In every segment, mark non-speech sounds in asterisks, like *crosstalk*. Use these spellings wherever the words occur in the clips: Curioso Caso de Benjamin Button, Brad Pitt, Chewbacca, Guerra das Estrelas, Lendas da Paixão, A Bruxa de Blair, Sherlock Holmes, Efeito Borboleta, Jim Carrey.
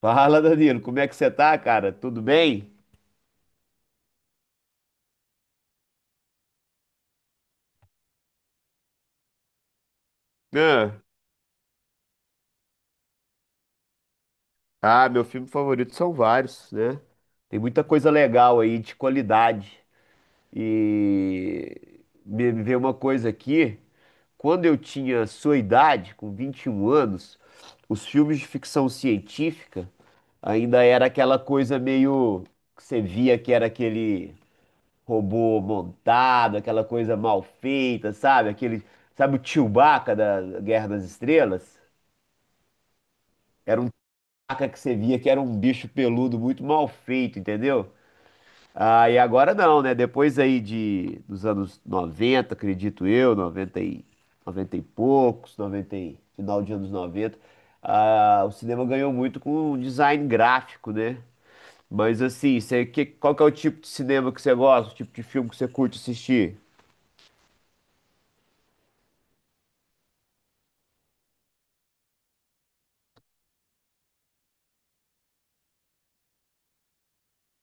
Fala, Danilo, como é que você tá, cara? Tudo bem? Ah, ah, meu filme favorito são vários, né? Tem muita coisa legal aí de qualidade. E me veio uma coisa aqui, quando eu tinha sua idade, com 21 anos, os filmes de ficção científica ainda era aquela coisa meio que você via que era aquele robô montado, aquela coisa mal feita, sabe? Aquele, sabe o Chewbacca da Guerra das Estrelas? Era um taca que você via que era um bicho peludo muito mal feito, entendeu? Ah, e agora não, né? Depois aí dos anos 90 acredito eu, 90 e poucos, final de anos 90 o cinema ganhou muito com o design gráfico, né? Mas assim, qual que é o tipo de cinema que você gosta, o tipo de filme que você curte assistir?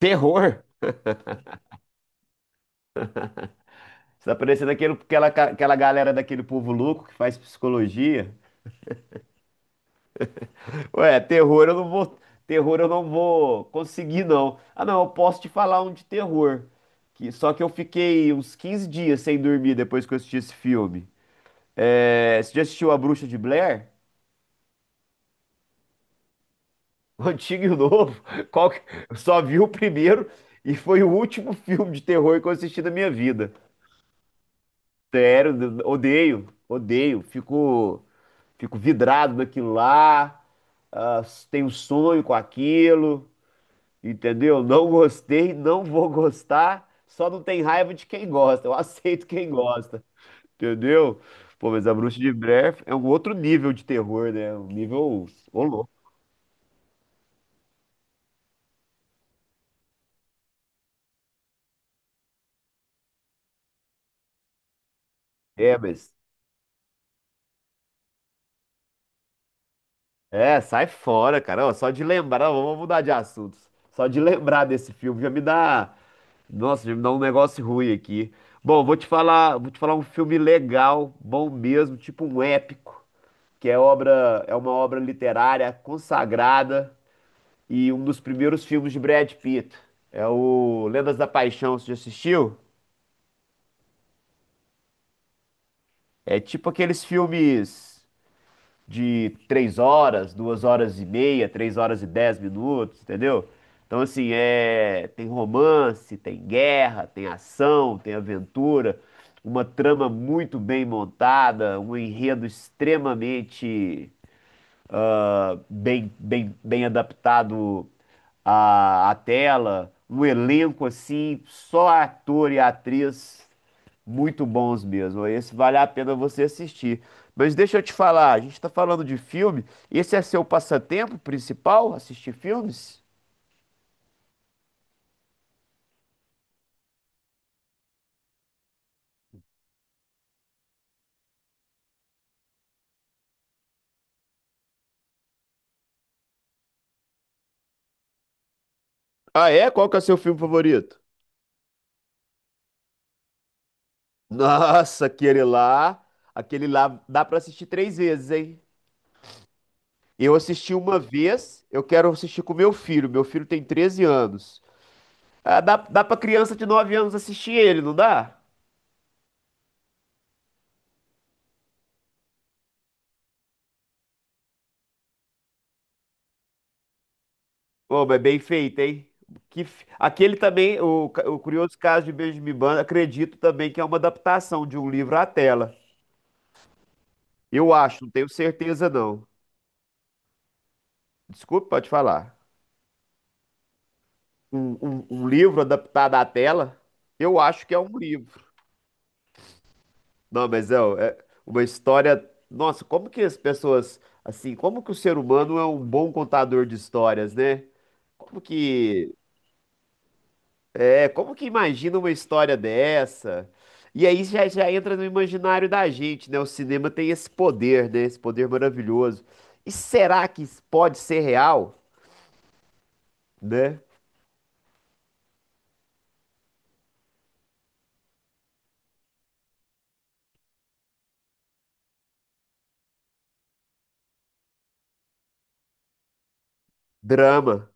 Terror? Você tá parecendo aquela galera daquele povo louco que faz psicologia. Ué, terror eu não vou conseguir não. Ah, não, eu posso te falar um de terror. Que só que eu fiquei uns 15 dias sem dormir depois que eu assisti esse filme. É, você já assistiu A Bruxa de Blair? O antigo e o novo? *laughs* Qual que- Eu só vi o primeiro e foi o último filme de terror que eu assisti na minha vida. Sério, odeio, odeio. Fico vidrado naquilo lá. Ah, tenho um sonho com aquilo. Entendeu? Não gostei, não vou gostar, só não tem raiva de quem gosta. Eu aceito quem gosta, entendeu? Pô, mas a Bruxa de Blair é um outro nível de terror, né? Um nível. Ô, louco. É, mas. É, sai fora, cara. Ó, só de lembrar, ó, vamos mudar de assunto. Só de lembrar desse filme já me dá. Nossa, já me dá um negócio ruim aqui. Bom, vou te falar um filme legal, bom mesmo, tipo um épico, é uma obra literária consagrada. E um dos primeiros filmes de Brad Pitt. É o Lendas da Paixão, você já assistiu? É tipo aqueles filmes de 3 horas, 2 horas e meia, 3 horas e 10 minutos, entendeu? Então, assim, é tem romance, tem guerra, tem ação, tem aventura, uma trama muito bem montada, um enredo extremamente bem, bem, bem adaptado à tela, um elenco assim, só ator e atriz muito bons mesmo. Esse vale a pena você assistir. Mas deixa eu te falar, a gente está falando de filme, esse é seu passatempo principal, assistir filmes? Ah, é? Qual que é o seu filme favorito? Nossa, aquele lá dá pra assistir três vezes, hein? Eu assisti uma vez, eu quero assistir com meu filho. Meu filho tem 13 anos. Ah, dá pra criança de 9 anos assistir ele, não dá? Ô, mas bem feito, hein? Aquele também, o Curioso Caso de Benjamin Button, acredito também que é uma adaptação de um livro à tela. Eu acho, não tenho certeza não. Desculpe, pode falar. Um livro adaptado à tela? Eu acho que é um livro. Não, é uma história. Nossa, como que as pessoas. Assim, como que o ser humano é um bom contador de histórias, né? Como que É, como que imagina uma história dessa? E aí já entra no imaginário da gente, né? O cinema tem esse poder, né? Esse poder maravilhoso. E será que isso pode ser real, né? Drama.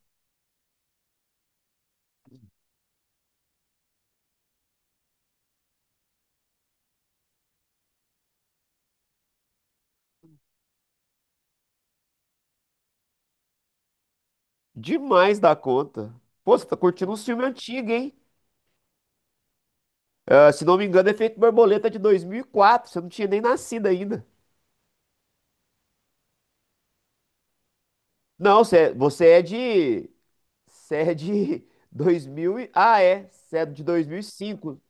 Demais da conta. Pô, você tá curtindo um filme antigo, hein? Ah, se não me engano, Efeito Borboleta de 2004. Você não tinha nem nascido ainda. Não, você é de... Você é de 2000 e... Ah, é. Você é de 2005.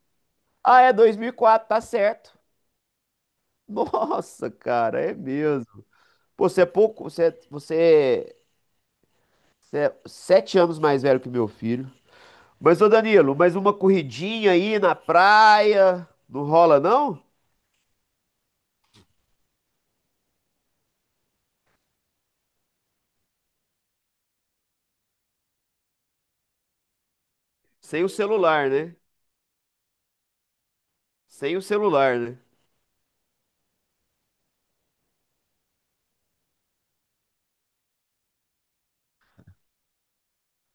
Ah, é 2004, tá certo. Nossa, cara, é mesmo. Pô, você é pouco, você, é- você, é, você é 7 anos mais velho que meu filho. Mas, ô Danilo, mais uma corridinha aí na praia, não rola não? Sem o celular, né? Sem o celular, né?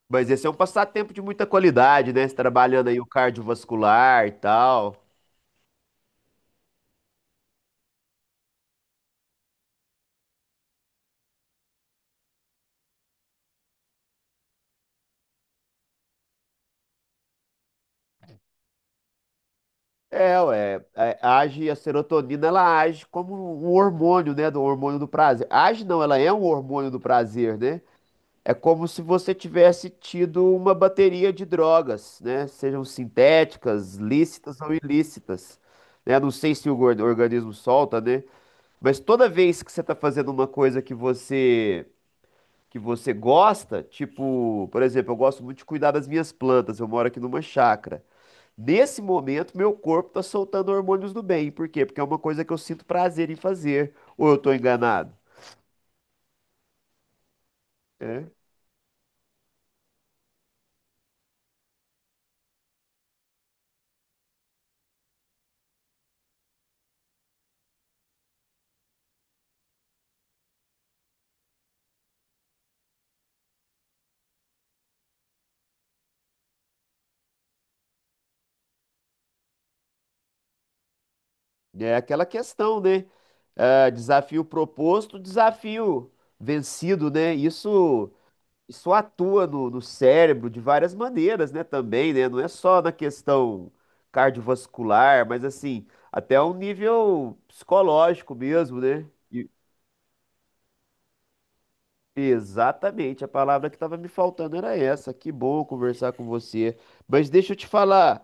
Mas esse é um passatempo de muita qualidade, né? Você trabalhando aí o cardiovascular e tal. A serotonina, ela age como um hormônio, né? Do hormônio do prazer. Age não, ela é um hormônio do prazer, né? É como se você tivesse tido uma bateria de drogas, né? Sejam sintéticas, lícitas ou ilícitas, né? Não sei se o organismo solta, né? Mas toda vez que você está fazendo uma coisa que você gosta, tipo, por exemplo, eu gosto muito de cuidar das minhas plantas, eu moro aqui numa chácara. Nesse momento, meu corpo está soltando hormônios do bem. Por quê? Porque é uma coisa que eu sinto prazer em fazer. Ou eu estou enganado? É. É aquela questão, né? Ah, desafio proposto, desafio vencido, né? Isso, isso atua no cérebro de várias maneiras, né? Também, né? Não é só na questão cardiovascular, mas assim, até um nível psicológico mesmo, né? E- Exatamente, a palavra que estava me faltando era essa. Que bom conversar com você. Mas deixa eu te falar,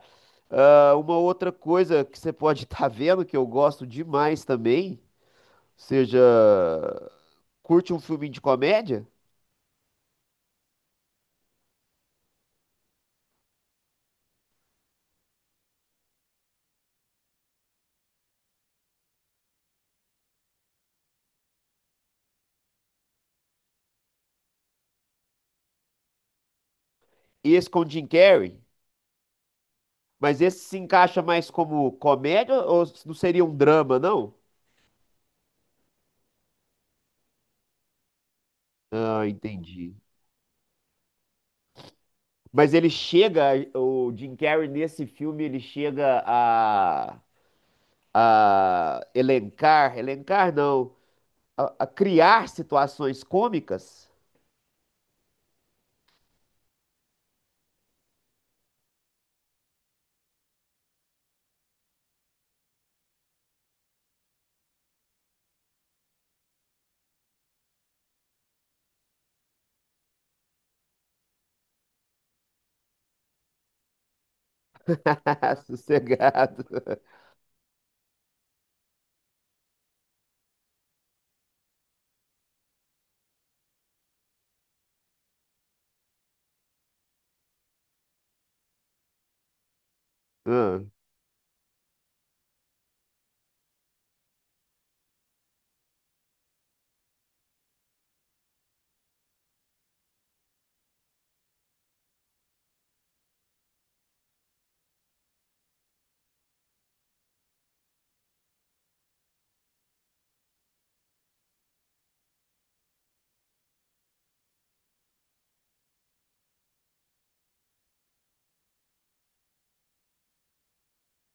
uma outra coisa que você pode estar vendo que eu gosto demais também. Ou seja, curte um filme de comédia, esse com Jim Carrey, mas esse se encaixa mais como comédia ou não seria um drama, não? Ah, entendi. Mas ele chega, o Jim Carrey nesse filme, ele chega a elencar, elencar não, a criar situações cômicas. *laughs* Sossegado. Ah.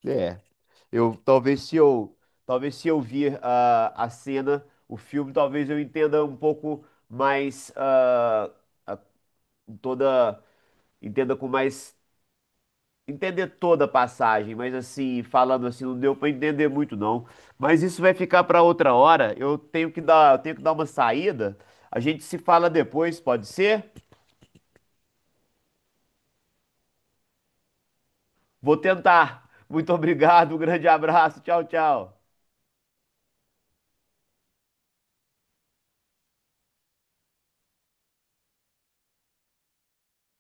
É. Eu talvez se eu vir a cena, o filme, talvez eu entenda um pouco mais, ah, a- toda entenda com mais entender toda a passagem, mas assim, falando assim, não deu para entender muito não. Mas isso vai ficar para outra hora. Eu tenho que dar uma saída. A gente se fala depois, pode ser? Vou tentar. Muito obrigado, um grande abraço. Tchau, tchau.